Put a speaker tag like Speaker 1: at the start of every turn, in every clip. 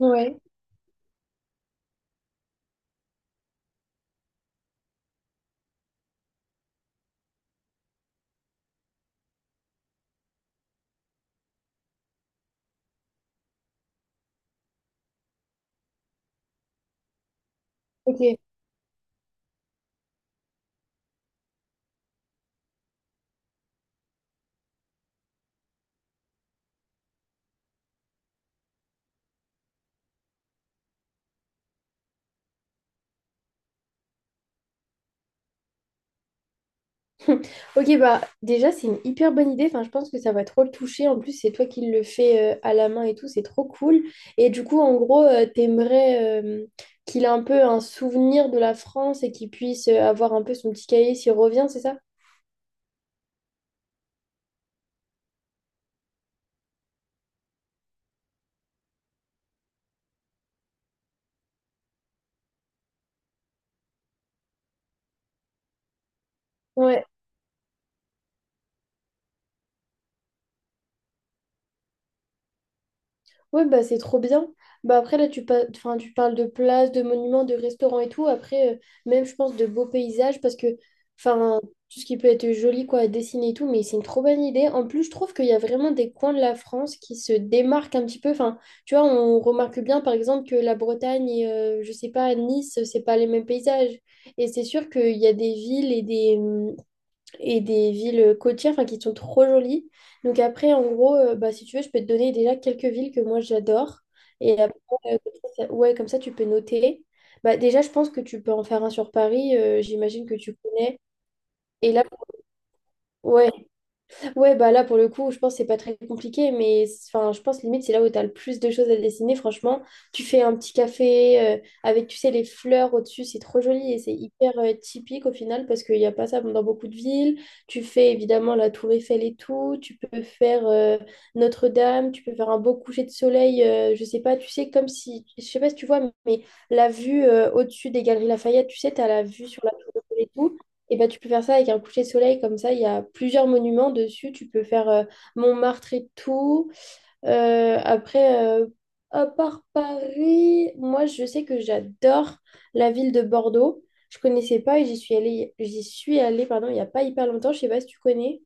Speaker 1: Ouais, ok. Ok, bah déjà, c'est une hyper bonne idée. Enfin, je pense que ça va trop le toucher. En plus, c'est toi qui le fais à la main et tout. C'est trop cool. Et du coup, en gros, t'aimerais qu'il ait un peu un souvenir de la France et qu'il puisse avoir un peu son petit cahier s'il revient, c'est ça? Ouais, bah c'est trop bien. Bah après, là, enfin, tu parles de places, de monuments, de restaurants et tout. Après, même, je pense, de beaux paysages parce que, enfin, tout ce qui peut être joli, quoi, à dessiner et tout, mais c'est une trop bonne idée. En plus, je trouve qu'il y a vraiment des coins de la France qui se démarquent un petit peu. Enfin, tu vois, on remarque bien, par exemple, que la Bretagne et, je sais pas, Nice, c'est pas les mêmes paysages. Et c'est sûr qu'il y a des villes et des villes côtières enfin, qui sont trop jolies. Donc après, en gros, bah, si tu veux, je peux te donner déjà quelques villes que moi j'adore. Et après, comme ça, tu peux noter. Bah, déjà, je pense que tu peux en faire un sur Paris. J'imagine que tu connais. Et là, ouais, ouais, bah là, pour le coup, je pense que c'est pas très compliqué, enfin, je pense limite c'est là où tu as le plus de choses à dessiner. Franchement, tu fais un petit café avec, tu sais, les fleurs au-dessus, c'est trop joli et c'est hyper typique au final parce qu'il n'y a pas ça dans beaucoup de villes. Tu fais évidemment la Tour Eiffel et tout, tu peux faire Notre-Dame, tu peux faire un beau coucher de soleil, je sais pas, tu sais, comme si, je sais pas si tu vois, mais la vue au-dessus des Galeries Lafayette, tu sais, tu as la vue sur la Tour Eiffel et tout. Et ben, tu peux faire ça avec un coucher de soleil, comme ça, il y a plusieurs monuments dessus. Tu peux faire Montmartre et tout. Euh, après, euh, à part Paris, moi, je sais que j'adore la ville de Bordeaux. Je connaissais pas et j'y suis allée, pardon, il n'y a pas hyper longtemps. Je sais pas si tu connais.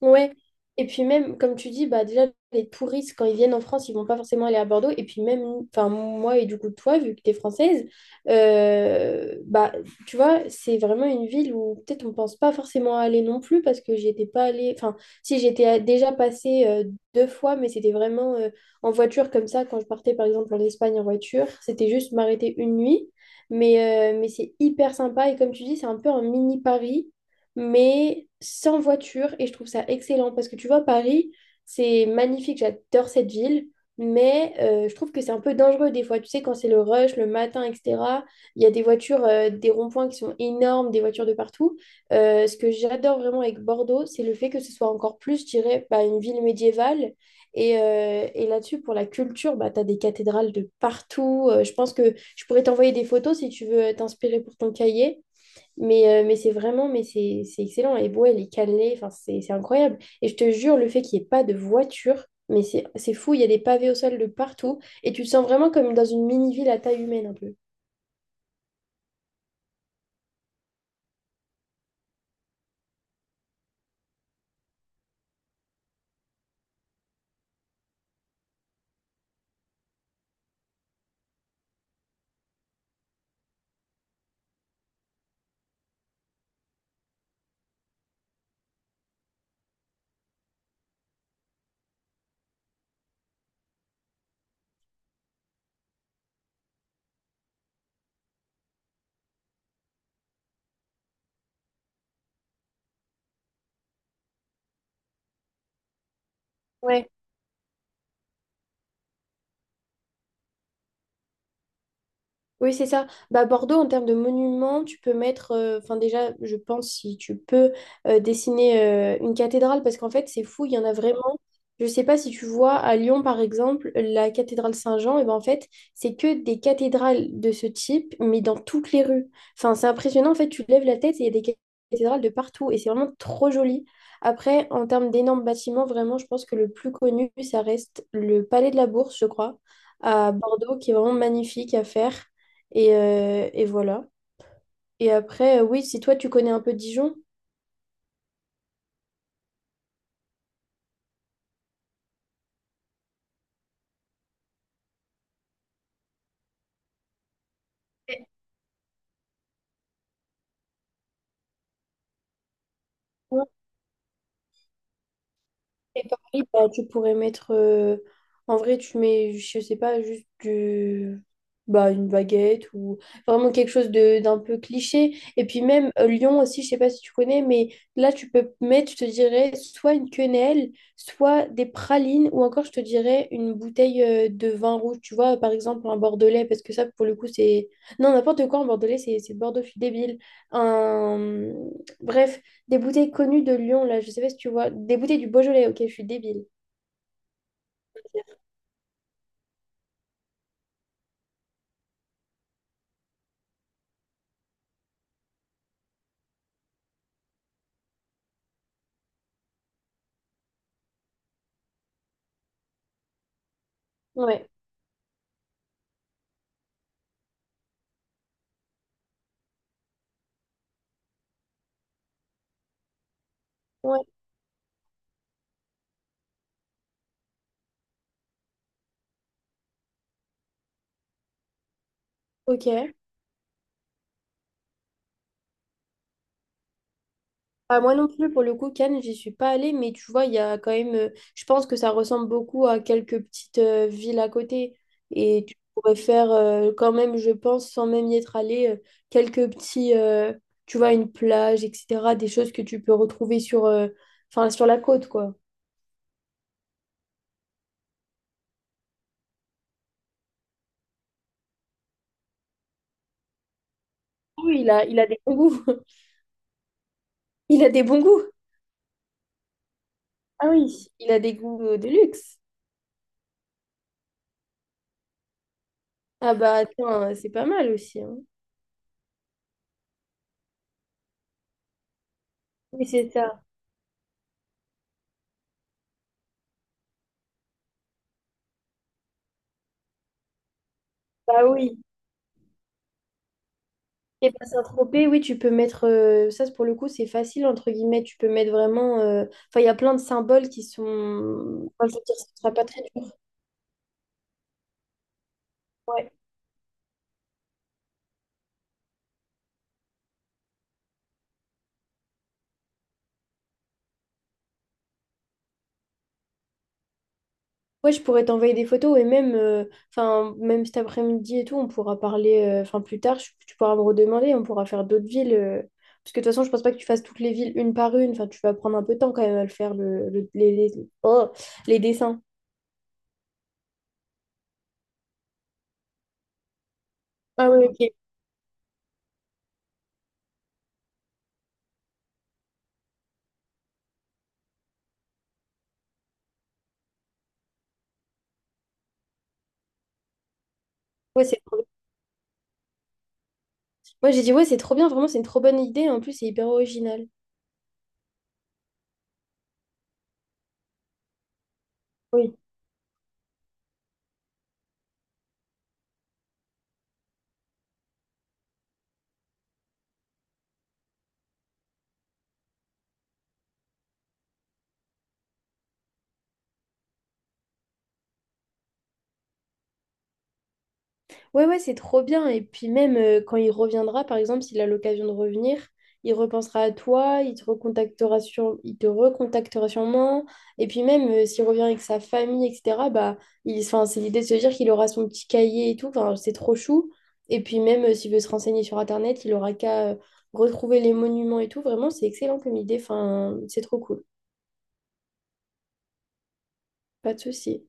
Speaker 1: Ouais. Et puis même, comme tu dis, bah déjà, les touristes, quand ils viennent en France, ils vont pas forcément aller à Bordeaux. Et puis même, enfin, moi et du coup toi, vu que tu es française, bah, tu vois, c'est vraiment une ville où peut-être on pense pas forcément aller non plus parce que j'y étais pas allée. Enfin, si déjà passée deux fois, mais c'était vraiment en voiture comme ça, quand je partais par exemple en Espagne en voiture, c'était juste m'arrêter une nuit. Mais c'est hyper sympa. Et comme tu dis, c'est un peu un mini Paris mais sans voiture. Et je trouve ça excellent parce que tu vois, Paris, c'est magnifique, j'adore cette ville, mais je trouve que c'est un peu dangereux des fois. Tu sais, quand c'est le rush, le matin, etc., il y a des voitures, des ronds-points qui sont énormes, des voitures de partout. Ce que j'adore vraiment avec Bordeaux, c'est le fait que ce soit encore plus, je dirais, bah, une ville médiévale. Et là-dessus, pour la culture, bah, tu as des cathédrales de partout. Je pense que je pourrais t'envoyer des photos si tu veux t'inspirer pour ton cahier. Mais c'est excellent. Et Bois, elle est cannelée, enfin, c'est incroyable. Et je te jure, le fait qu'il n'y ait pas de voiture, mais c'est fou, il y a des pavés au sol de partout. Et tu te sens vraiment comme dans une mini-ville à taille humaine un peu. Ouais. Oui, c'est ça. Bah, Bordeaux, en termes de monuments, tu peux mettre, enfin déjà, je pense si tu peux dessiner une cathédrale, parce qu'en fait, c'est fou, il y en a vraiment. Je sais pas si tu vois à Lyon, par exemple, la cathédrale Saint-Jean, et ben en fait, c'est que des cathédrales de ce type, mais dans toutes les rues. Enfin, c'est impressionnant, en fait, tu lèves la tête et il y a des cathédrales de partout, et c'est vraiment trop joli. Après, en termes d'énormes bâtiments, vraiment, je pense que le plus connu, ça reste le Palais de la Bourse, je crois, à Bordeaux, qui est vraiment magnifique à faire. Et voilà. Et après, oui, si toi, tu connais un peu Dijon. Ouais. Et pareil, bah, tu pourrais mettre. En vrai, tu mets, je sais pas, bah, une baguette ou vraiment quelque chose de d'un peu cliché. Et puis même Lyon aussi, je sais pas si tu connais, mais là, tu peux mettre, je te dirais, soit une quenelle, soit des pralines, ou encore, je te dirais, une bouteille de vin rouge. Tu vois, par exemple, un bordelais, parce que ça, pour le coup, c'est. Non, n'importe quoi, un bordelais, c'est Bordeaux, je suis débile. Un... Bref. Des bouteilles connues de Lyon, là, je sais pas si tu vois. Des bouteilles du Beaujolais, ok, je suis débile. Ouais, ouais, ok. Ah, moi non plus, pour le coup, Cannes, j'y suis pas allée, mais tu vois, il y a quand même. Je pense que ça ressemble beaucoup à quelques petites villes à côté. Et tu pourrais faire, quand même, je pense, sans même y être allée, quelques petits. Tu vois, une plage, etc. Des choses que tu peux retrouver sur, enfin, sur la côte, quoi. Oui, il a des bons goûts. Il a des bons goûts. Ah oui, il a des goûts de luxe. Ah bah attends, c'est pas mal aussi. Hein. Oui, c'est ça. Bah oui. Et bah Saint-Tropez, oui, tu peux mettre, pour le coup c'est facile entre guillemets, tu peux mettre vraiment, enfin il y a plein de symboles qui sont, enfin, je veux dire, ce sera pas très dur. Ouais. Ouais, je pourrais t'envoyer des photos et même, enfin, même cet après-midi et tout, on pourra parler, enfin plus tard, tu pourras me redemander, on pourra faire d'autres villes, parce que de toute façon je pense pas que tu fasses toutes les villes une par une, enfin tu vas prendre un peu de temps quand même à le faire, oh, les dessins. Ah oui, ok. Ouais, c'est Moi, j'ai dit, ouais, c'est trop bien, vraiment, c'est une trop bonne idée. En plus, c'est hyper original. Oui. Ouais, ouais, c'est trop bien. Et puis, même quand il reviendra, par exemple, s'il a l'occasion de revenir, il repensera à toi, il te recontactera sûrement. Et puis, même s'il revient avec sa famille, etc., enfin, c'est l'idée de se dire qu'il aura son petit cahier et tout. Enfin, c'est trop chou. Et puis, même s'il veut se renseigner sur Internet, il aura qu'à retrouver les monuments et tout. Vraiment, c'est excellent comme idée. Enfin, c'est trop cool. Pas de souci.